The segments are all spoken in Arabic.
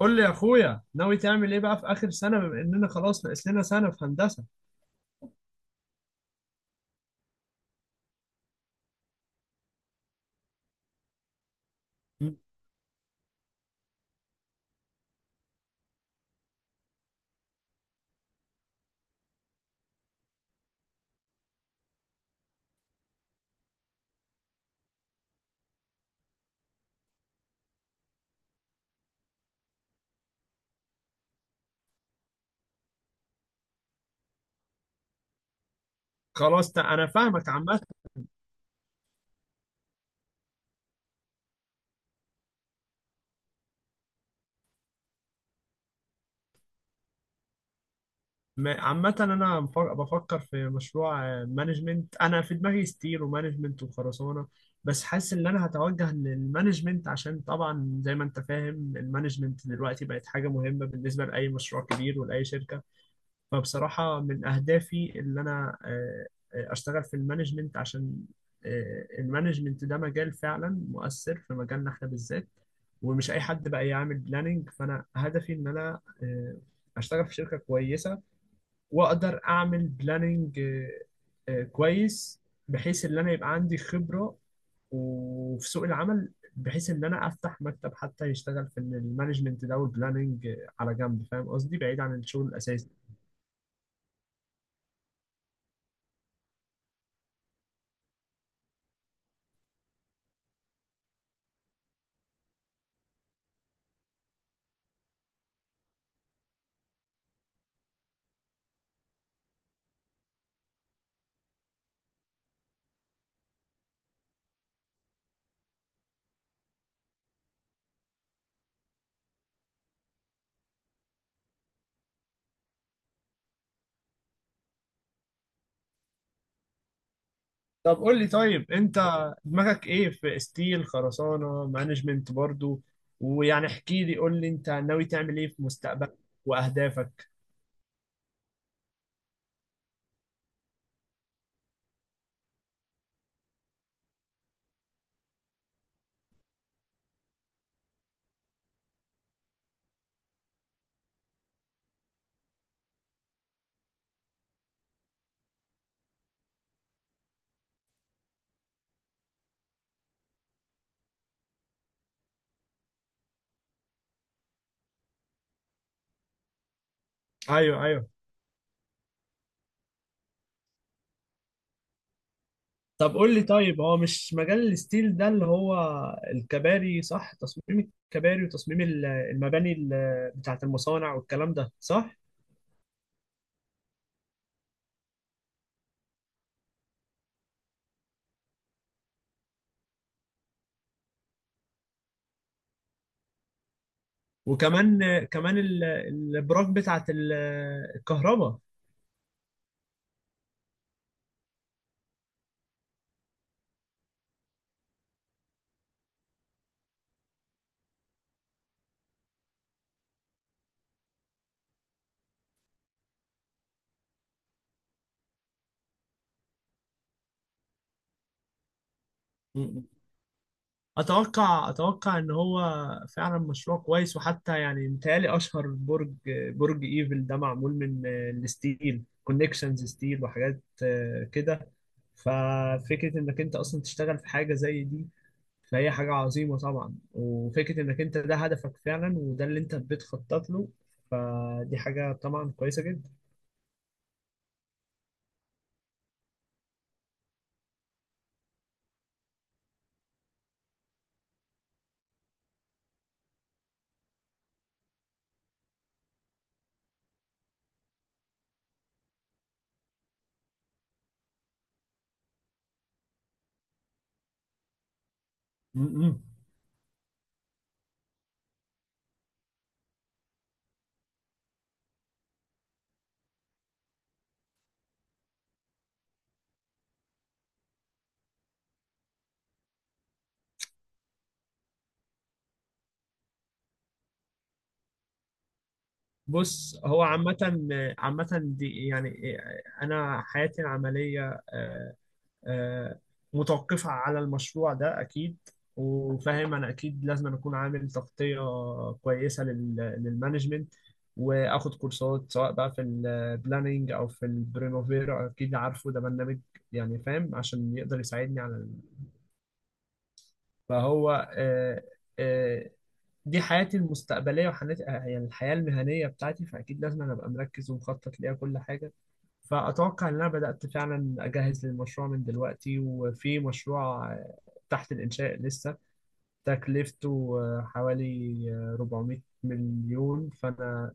قول لي يا اخويا ناوي تعمل ايه بقى في اخر سنه بما اننا خلاص ناقص لنا سنه في هندسه. مم. خلاص انا فاهمك. عامه، عامه انا بفكر في مشروع، مانجمنت. انا في دماغي ستير ومانجمنت وخرسانه، بس حاسس ان انا هتوجه للمانجمنت عشان طبعا زي ما انت فاهم المانجمنت دلوقتي بقت حاجه مهمه بالنسبه لاي مشروع كبير ولاي شركه. فبصراحة من أهدافي اللي أنا أشتغل في المانجمنت، عشان المانجمنت ده مجال فعلا مؤثر في مجالنا إحنا بالذات، ومش أي حد بقى يعمل بلاننج. فأنا هدفي إن أنا أشتغل في شركة كويسة وأقدر أعمل بلاننج كويس، بحيث إن أنا يبقى عندي خبرة وفي سوق العمل، بحيث ان انا افتح مكتب حتى يشتغل في المانجمنت ده والبلاننج على جنب. فاهم قصدي، بعيد عن الشغل الاساسي. طب قول لي، طيب انت دماغك ايه؟ في ستيل، خرسانة، مانجمنت برضو؟ ويعني احكي لي، قول لي انت ناوي تعمل ايه في مستقبلك واهدافك؟ ايوه، ايوه. طب قول لي، طيب هو مش مجال الستيل ده اللي هو الكباري، صح؟ تصميم الكباري وتصميم المباني بتاعت المصانع والكلام ده، صح؟ وكمان كمان الابراج بتاعت الكهرباء. اتوقع، اتوقع ان هو فعلا مشروع كويس. وحتى يعني متهيألي اشهر برج، برج ايفل ده، معمول من الستيل، كونكشنز ستيل وحاجات كده. ففكره انك انت اصلا تشتغل في حاجه زي دي، فهي حاجه عظيمه طبعا. وفكره انك انت ده هدفك فعلا وده اللي انت بتخطط له، فدي حاجه طبعا كويسه جدا. م- م. بص، هو عامة، عامة دي يعني أنا حياتي العملية آه، متوقفة على المشروع ده أكيد. وفاهم أنا أكيد لازم أنا أكون عامل تغطية كويسة للمانجمنت، وآخد كورسات سواء بقى في البلاننج أو في البرينوفير، أكيد عارفه ده برنامج يعني، فاهم، عشان يقدر يساعدني على فهو آه، دي حياتي المستقبليه وحياتي، يعني الحياه المهنيه بتاعتي. فاكيد لازم انا ابقى مركز ومخطط ليها كل حاجه. فاتوقع ان انا بدات فعلا اجهز للمشروع من دلوقتي، وفي مشروع تحت الانشاء لسه، تكلفته حوالي 400 مليون. فانا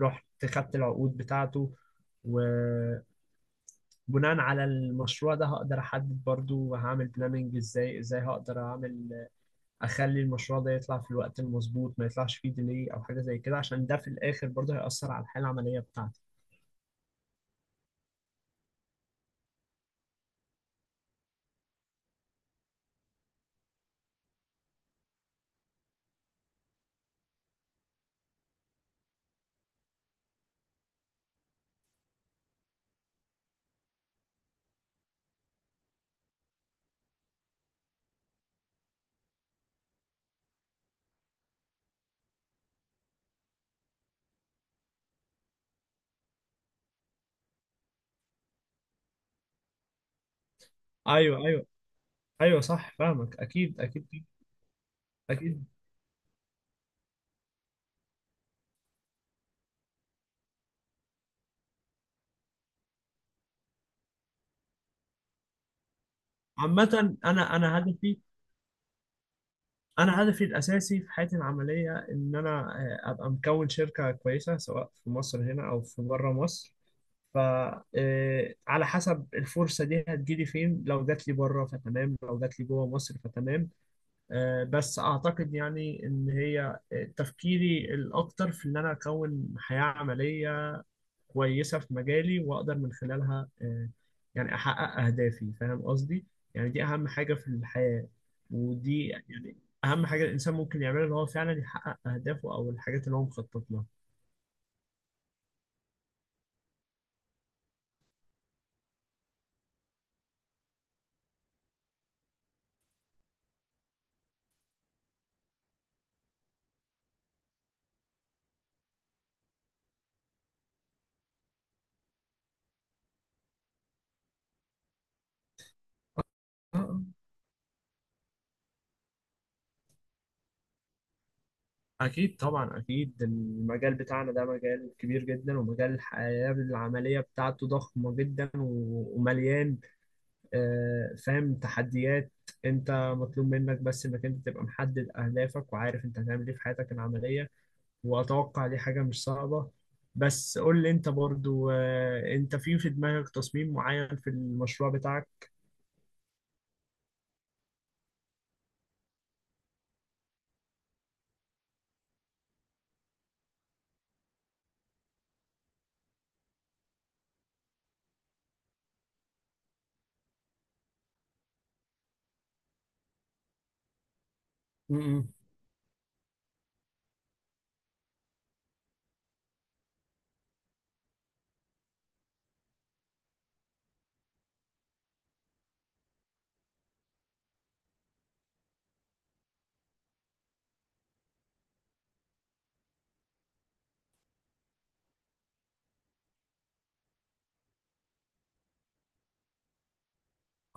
رحت خدت العقود بتاعته، وبناء على المشروع ده هقدر احدد برضو هعمل بلاننج ازاي، ازاي هقدر اعمل اخلي المشروع ده يطلع في الوقت المظبوط، ما يطلعش فيه ديلي او حاجه زي كده، عشان ده في الاخر برضه هيأثر على الحاله العمليه بتاعتي. ايوه، ايوه، ايوه صح، فاهمك، اكيد، اكيد، اكيد. عامه انا هدفي، انا هدفي الاساسي في حياتي العمليه ان انا ابقى مكون شركه كويسه سواء في مصر هنا او في بره مصر. ف على حسب الفرصه دي هتجيلي فين، لو جات لي بره فتمام، لو جات لي جوه مصر فتمام. بس اعتقد يعني ان هي تفكيري الاكتر في ان انا اكون حياة عملية كويسة في مجالي، واقدر من خلالها يعني احقق اهدافي. فاهم قصدي؟ يعني دي اهم حاجة في الحياة، ودي يعني اهم حاجة الانسان ممكن يعملها، ان هو فعلا يحقق اهدافه او الحاجات اللي هو مخطط لها. آه، آه. اكيد طبعا، اكيد المجال بتاعنا ده مجال كبير جدا، ومجال الحياة العملية بتاعته ضخمة جدا ومليان فاهم، تحديات. انت مطلوب منك بس انك انت تبقى محدد اهدافك، وعارف انت هتعمل ايه في حياتك العملية. واتوقع دي حاجة مش صعبة. بس قول لي انت برضو، انت في دماغك تصميم معين في المشروع بتاعك؟ امم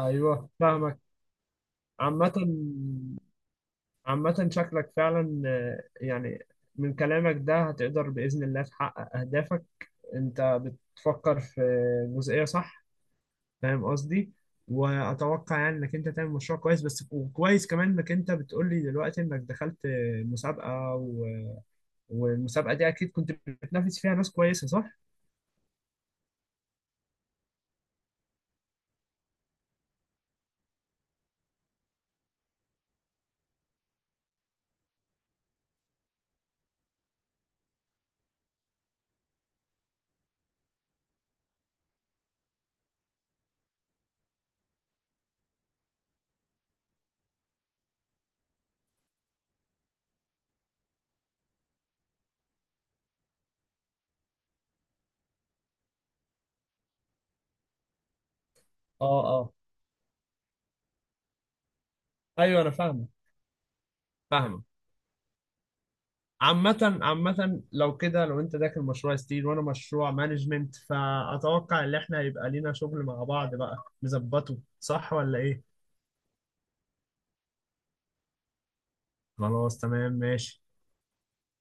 ايوه، فاهمك. عامة، عامة شكلك فعلا يعني من كلامك ده هتقدر بإذن الله تحقق أهدافك. أنت بتفكر في جزئية صح، فاهم قصدي. واتوقع يعني انك انت تعمل مشروع كويس، بس وكويس كمان انك انت بتقول لي دلوقتي انك دخلت مسابقة. والمسابقة دي اكيد كنت بتنافس فيها ناس كويسة، صح؟ اه، اه، ايوه انا فاهمه، فاهمة. عامة، عامة لو كده، لو انت داخل مشروع ستيل وانا مشروع مانجمنت، فاتوقع ان احنا هيبقى لينا شغل مع بعض بقى، نظبطه صح ولا ايه؟ خلاص تمام ماشي.